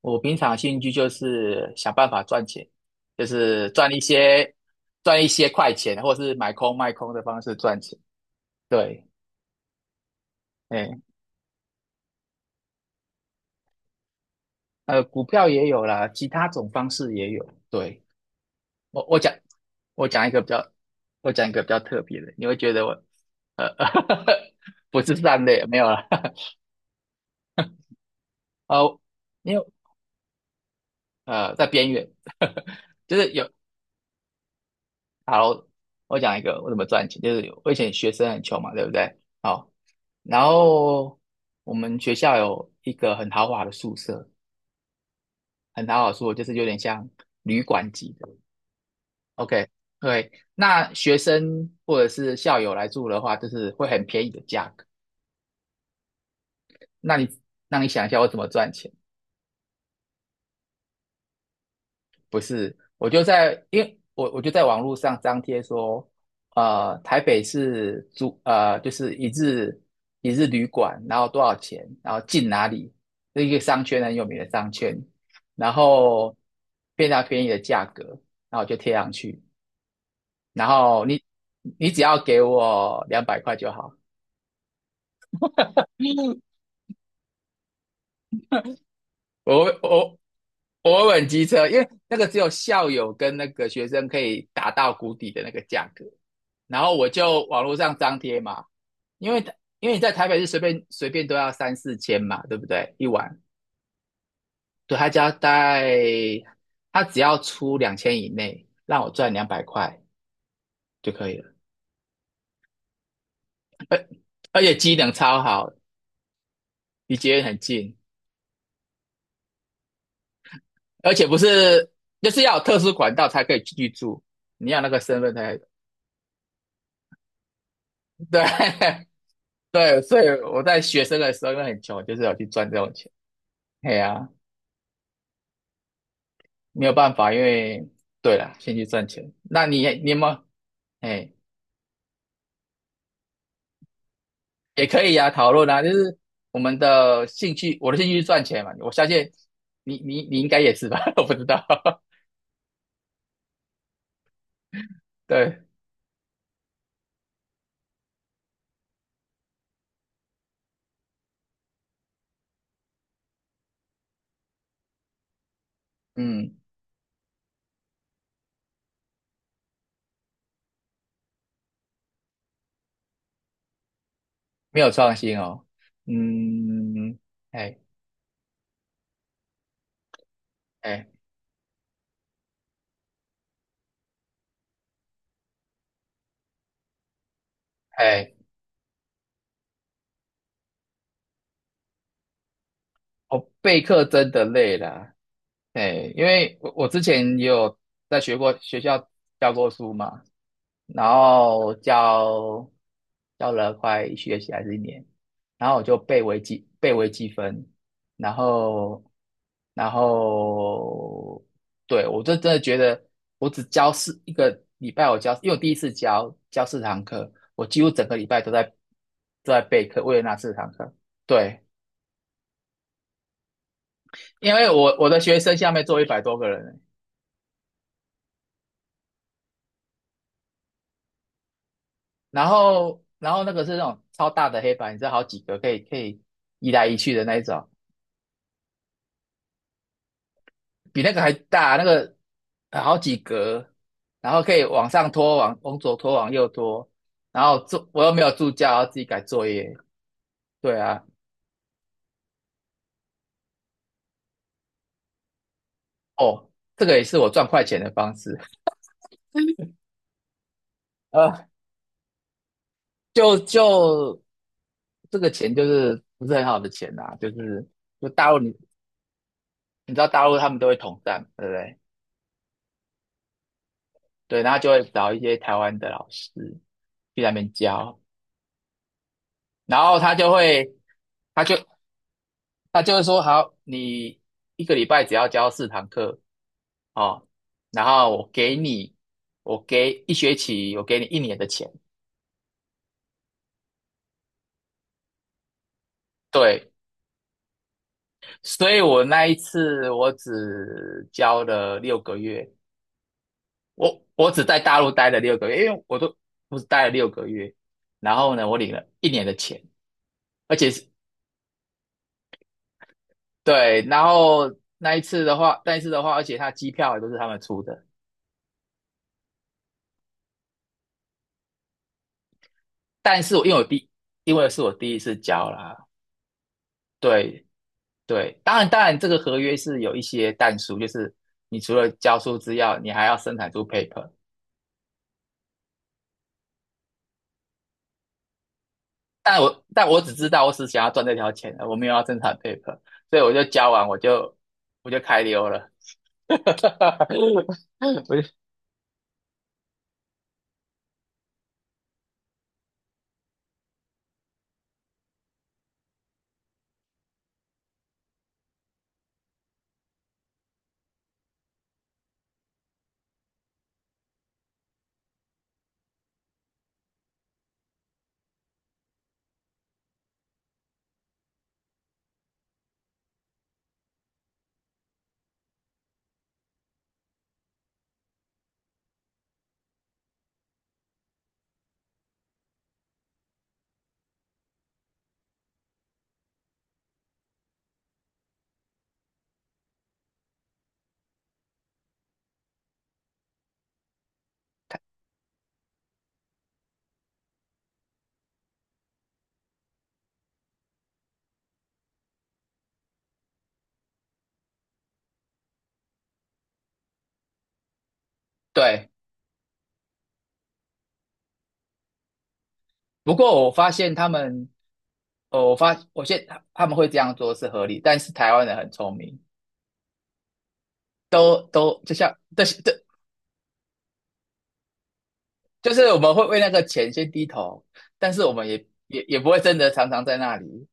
我平常兴趣就是想办法赚钱，就是赚一些快钱，或是买空卖空的方式赚钱。对，哎，股票也有啦，其他种方式也有。对，我我讲我讲一个比较，我讲一个比较特别的，你会觉得我呃 不是善类，没有啦。哦，因为在边缘，就是有。好，我讲一个我怎么赚钱，就是我以前学生很穷嘛，对不对？好，然后我们学校有一个很豪华的宿舍，很豪华的宿舍就是有点像旅馆级的。OK，对，那学生或者是校友来住的话，就是会很便宜的价格。那你那你想一下，我怎么赚钱？不是，我就在，因为我就在网络上张贴说，台北市租就是一日旅馆，然后多少钱，然后进哪里，是一个商圈很有名的商圈，然后非常便宜的价格，然后我就贴上去，然后你你只要给我两百块就好，嗯我我我会很机车，因为那个只有校友跟那个学生可以打到谷底的那个价格。然后我就网络上张贴嘛，因为因为你在台北是随便都要三四千嘛，对不对？一晚，对他只要带，他只要出2000以内，让我赚两百块就可以了，而且机能超好，离捷运很近，而且不是就是要有特殊管道才可以去住，你要那个身份才对。 对，所以我在学生的时候因为很穷，就是有去赚这种钱，哎呀、啊没有办法，因为对了，先去赚钱。那你有没有？哎，也可以呀、讨论啊，就是我们的兴趣，我的兴趣是赚钱嘛，我相信你应该也是吧，我不知道，对，嗯，没有创新哦，嗯，哎哎哎，我备课真的累了，哎，因为我之前也有在学过学校教过书嘛，然后教了快一学期还是一年，然后我就背微积分，然后然后对我就真的觉得我只教一个礼拜，我教因为我第一次教四堂课，我几乎整个礼拜都在备课，为了那四堂课。对，因为我的学生下面坐100多个人，然后那个是那种超大的黑板，你知道好几个可以移来移去的那一种。比那个还大，那个好几格，然后可以往上拖，往左拖，往右拖，然后做我又没有助教，要自己改作业。对啊，哦，这个也是我赚快钱的方式。呃，就就这个钱就是不是很好的钱啦、就是大陆你知道大陆他们都会统战，对不对？对，然后就会找一些台湾的老师去那边教，然后他就会，他就他就会说好，你一个礼拜只要教四堂课哦，然后我给你，我给一学期，我给你一年的钱。对，所以我那一次我只教了六个月，我只在大陆待了六个月，因为我都不是待了六个月，然后呢，我领了一年的钱，而且是对，然后那一次的话，而且他机票也都是他们出的，但是我因为我第因为是我第一次教啦，对，对，当然，当然，这个合约是有一些但书，就是你除了交出资料，你还要生产出 paper。但我只知道我只想要赚这条钱，我没有要生产 paper，所以我就交完我就开溜了。我就对，不过我发现他们，哦，我现他们会这样做是合理，但是台湾人很聪明，都就像这就是我们会为那个钱先低头，但是我们也不会真的常常在那里。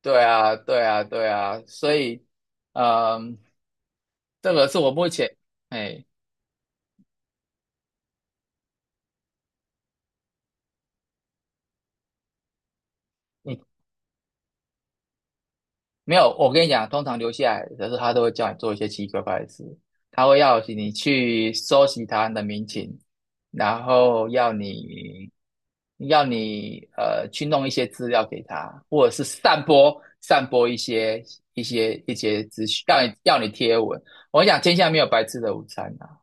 对啊，对啊，对啊，所以，嗯，这个是我目前，哎，你没有，我跟你讲，通常留下来的时候，他都会叫你做一些奇奇怪怪的事，他会要你去收集他人的民情，然后要你去弄一些资料给他，或者是散播一些一些资讯，让你要你贴文。我跟你讲，天下没有白吃的午餐啊。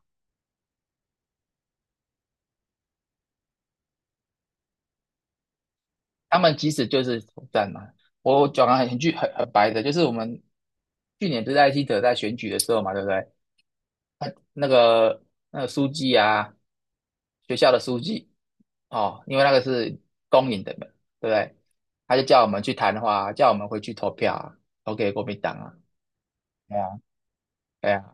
他们其实就是统战嘛。我讲得很句很白的，就是我们去年不是艾希特在选举的时候嘛，对不对？他那个书记啊，学校的书记哦，因为那个是公营的嘛，对不对？他就叫我们去谈话啊，叫我们回去投票啊，投给国民党啊。对啊，对啊，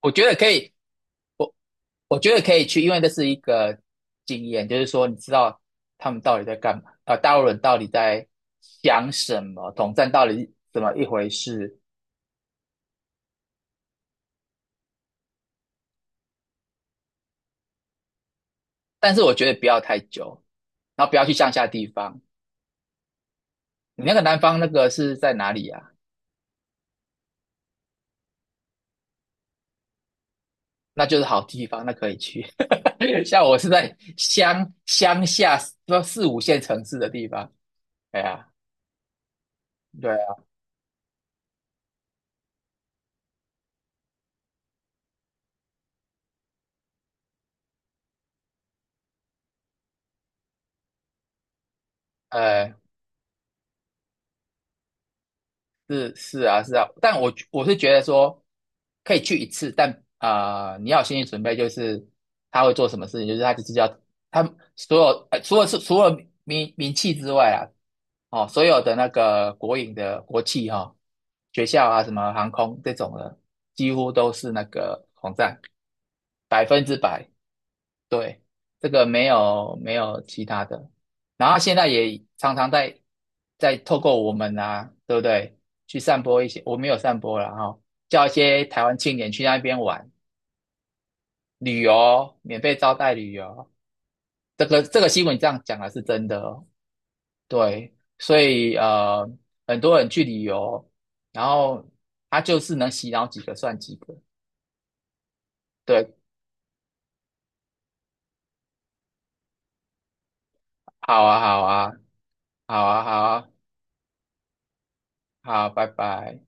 我觉得可以。我。我觉得可以去，因为这是一个经验，就是说你知道他们到底在干嘛，大陆人到底在想什么，统战到底怎么一回事。但是我觉得不要太久，然后不要去乡下地方。你那个南方那个是在哪里啊？那就是好地方，那可以去。像我是在乡下，说四五线城市的地方。哎呀，对啊，呃，是是啊是啊，但我是觉得说可以去一次，但啊、你要有心理准备，就是他会做什么事情，就是他就是要他所有、除了名气之外啊，哦，所有的那个国营的国企哈、哦，学校啊什么航空这种的，几乎都是那个网站100%对，这个没有其他的，然后他现在也常常在透过我们啊，对不对？去散播一些，我没有散播了哈、叫一些台湾青年去那边玩旅游，免费招待旅游。这个新闻这样讲的是真的哦，对，所以很多人去旅游，然后他就是能洗脑几个算几个，对，好啊，好啊，好啊，好啊，好啊，拜拜。